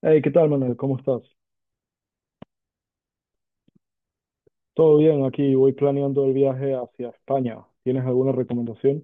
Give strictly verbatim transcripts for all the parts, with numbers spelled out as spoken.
Hey, ¿qué tal, Manuel? ¿Cómo estás? Todo bien, aquí voy planeando el viaje hacia España. ¿Tienes alguna recomendación?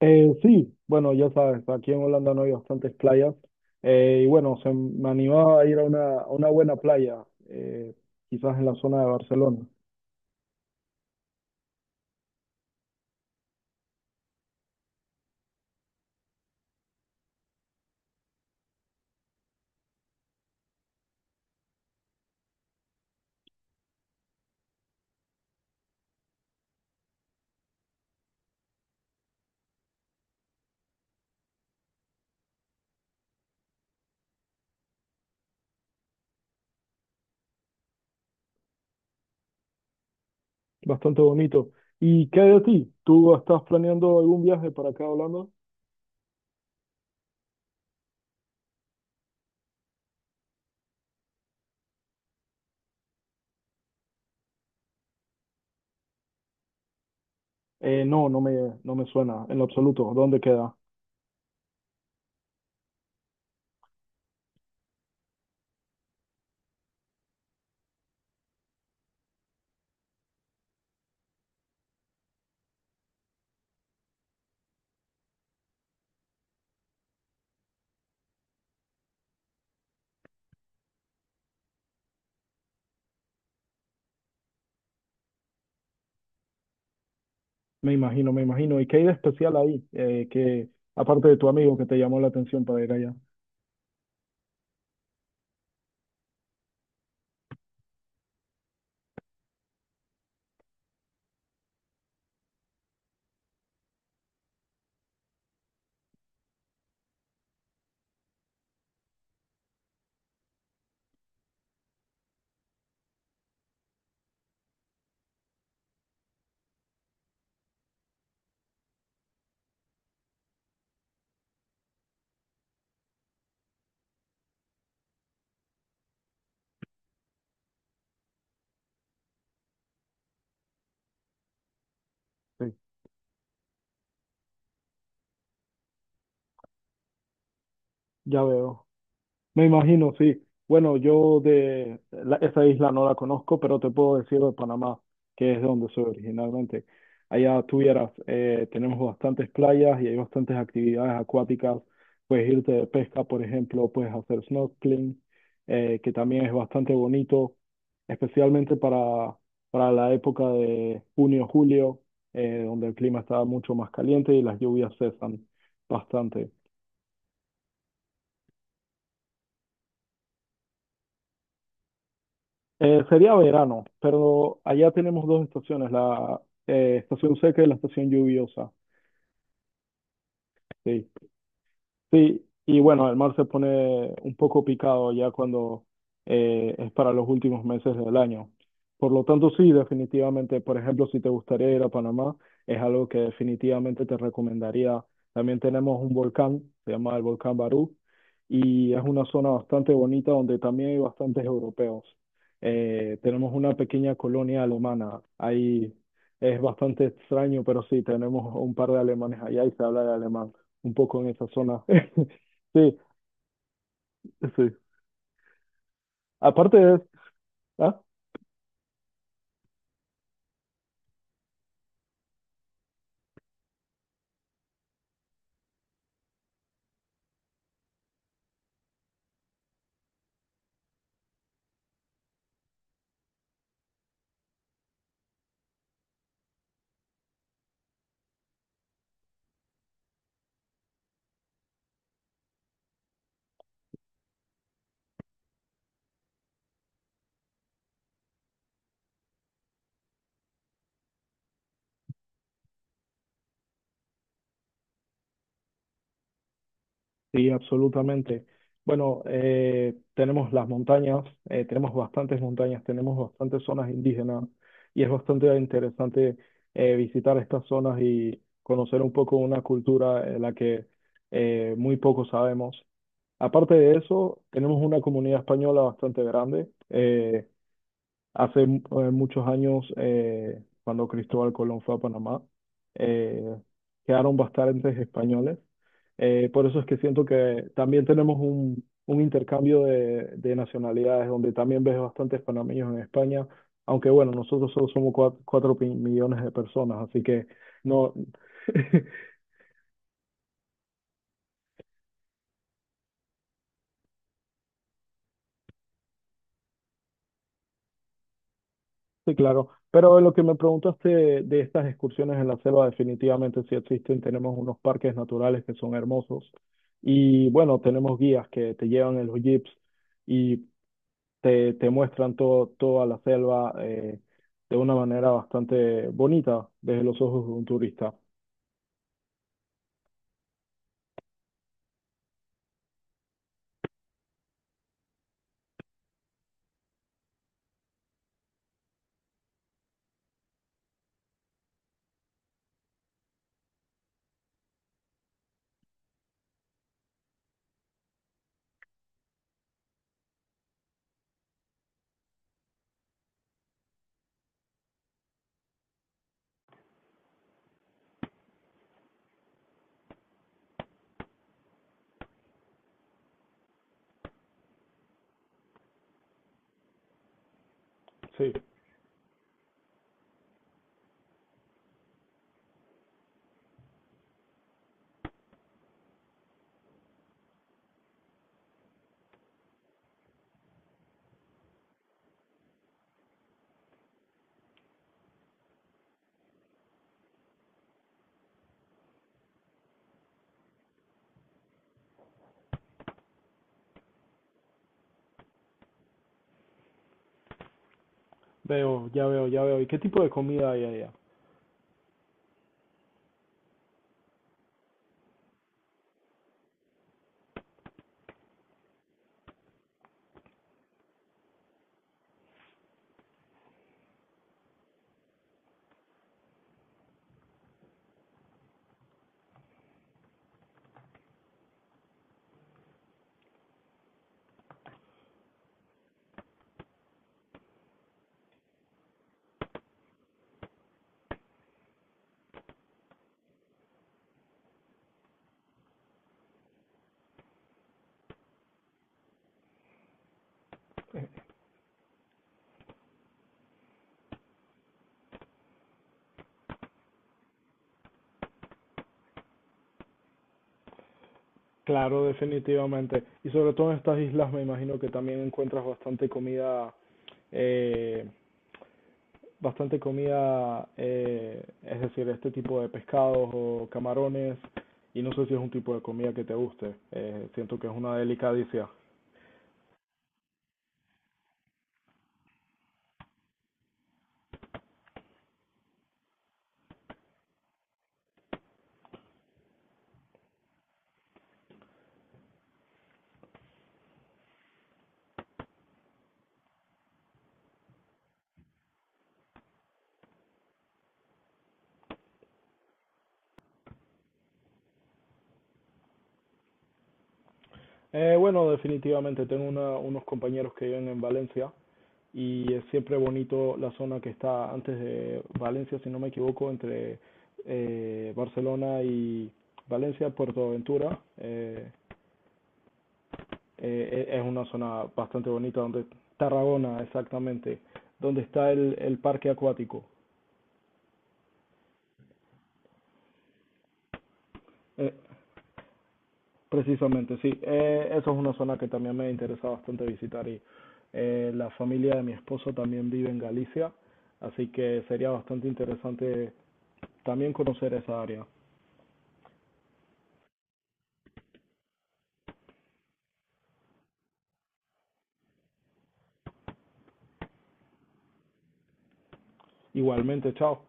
Eh, sí, bueno, ya sabes, aquí en Holanda no hay bastantes playas. Eh, y bueno, se me animaba a ir a una, a una buena playa, eh, quizás en la zona de Barcelona. Bastante bonito. ¿Y qué hay de ti? ¿Tú estás planeando algún viaje para acá a Holanda? Eh, no, no me, no me suena en lo absoluto. ¿Dónde queda? Me imagino, me imagino. ¿Y qué hay de especial ahí? Eh, que aparte de tu amigo que te llamó la atención para ir allá. Sí, ya veo. Me imagino, sí. Bueno, yo de la- esa isla no la conozco, pero te puedo decir de Panamá, que es de donde soy originalmente. Allá tuvieras, eh, tenemos bastantes playas y hay bastantes actividades acuáticas. Puedes irte de pesca, por ejemplo, puedes hacer snorkeling, eh, que también es bastante bonito, especialmente para, para la época de junio, julio, eh, donde el clima está mucho más caliente y las lluvias cesan bastante. Eh, sería verano, pero allá tenemos dos estaciones, la eh, estación seca y la estación lluviosa. Sí. Sí, y bueno, el mar se pone un poco picado ya cuando eh, es para los últimos meses del año. Por lo tanto, sí, definitivamente, por ejemplo, si te gustaría ir a Panamá, es algo que definitivamente te recomendaría. También tenemos un volcán, se llama el volcán Barú, y es una zona bastante bonita donde también hay bastantes europeos. Eh, tenemos una pequeña colonia alemana, ahí es bastante extraño, pero sí, tenemos un par de alemanes allá y se habla de alemán un poco en esa zona. Sí, sí. Aparte es, ah, sí, absolutamente. Bueno, eh, tenemos las montañas, eh, tenemos bastantes montañas, tenemos bastantes zonas indígenas y es bastante interesante eh, visitar estas zonas y conocer un poco una cultura de la que eh, muy poco sabemos. Aparte de eso, tenemos una comunidad española bastante grande. Eh, Hace eh, muchos años, eh, cuando Cristóbal Colón fue a Panamá, eh, quedaron bastantes españoles. Eh, por eso es que siento que también tenemos un, un intercambio de, de nacionalidades, donde también ves bastantes panameños en España, aunque bueno, nosotros solo somos cua- cuatro, pi- millones de personas, así que no, sí, claro. Pero lo que me preguntaste de, de estas excursiones en la selva, definitivamente sí existen. Tenemos unos parques naturales que son hermosos. Y bueno, tenemos guías que te llevan en los jeeps y te, te muestran todo, toda la selva eh, de una manera bastante bonita desde los ojos de un turista. Sí, veo, ya veo, ya veo. ¿Y qué tipo de comida hay allá? Claro, definitivamente. Y sobre todo en estas islas me imagino que también encuentras bastante comida. eh, Bastante comida, eh, es decir, este tipo de pescados o camarones, y no sé si es un tipo de comida que te guste, eh, siento que es una delicacia. Eh, bueno, definitivamente tengo una- unos compañeros que viven en Valencia y es siempre bonito la zona que está antes de Valencia, si no me equivoco, entre eh, Barcelona y Valencia, Puerto Ventura. Eh, eh, e- es una zona bastante bonita donde Tarragona, exactamente, donde está el, el parque acuático. Eh, Precisamente, sí. Eh, eso es una zona que también me interesa bastante visitar y eh, la familia de mi esposo también vive en Galicia, así que sería bastante interesante también conocer esa área. Igualmente, chao.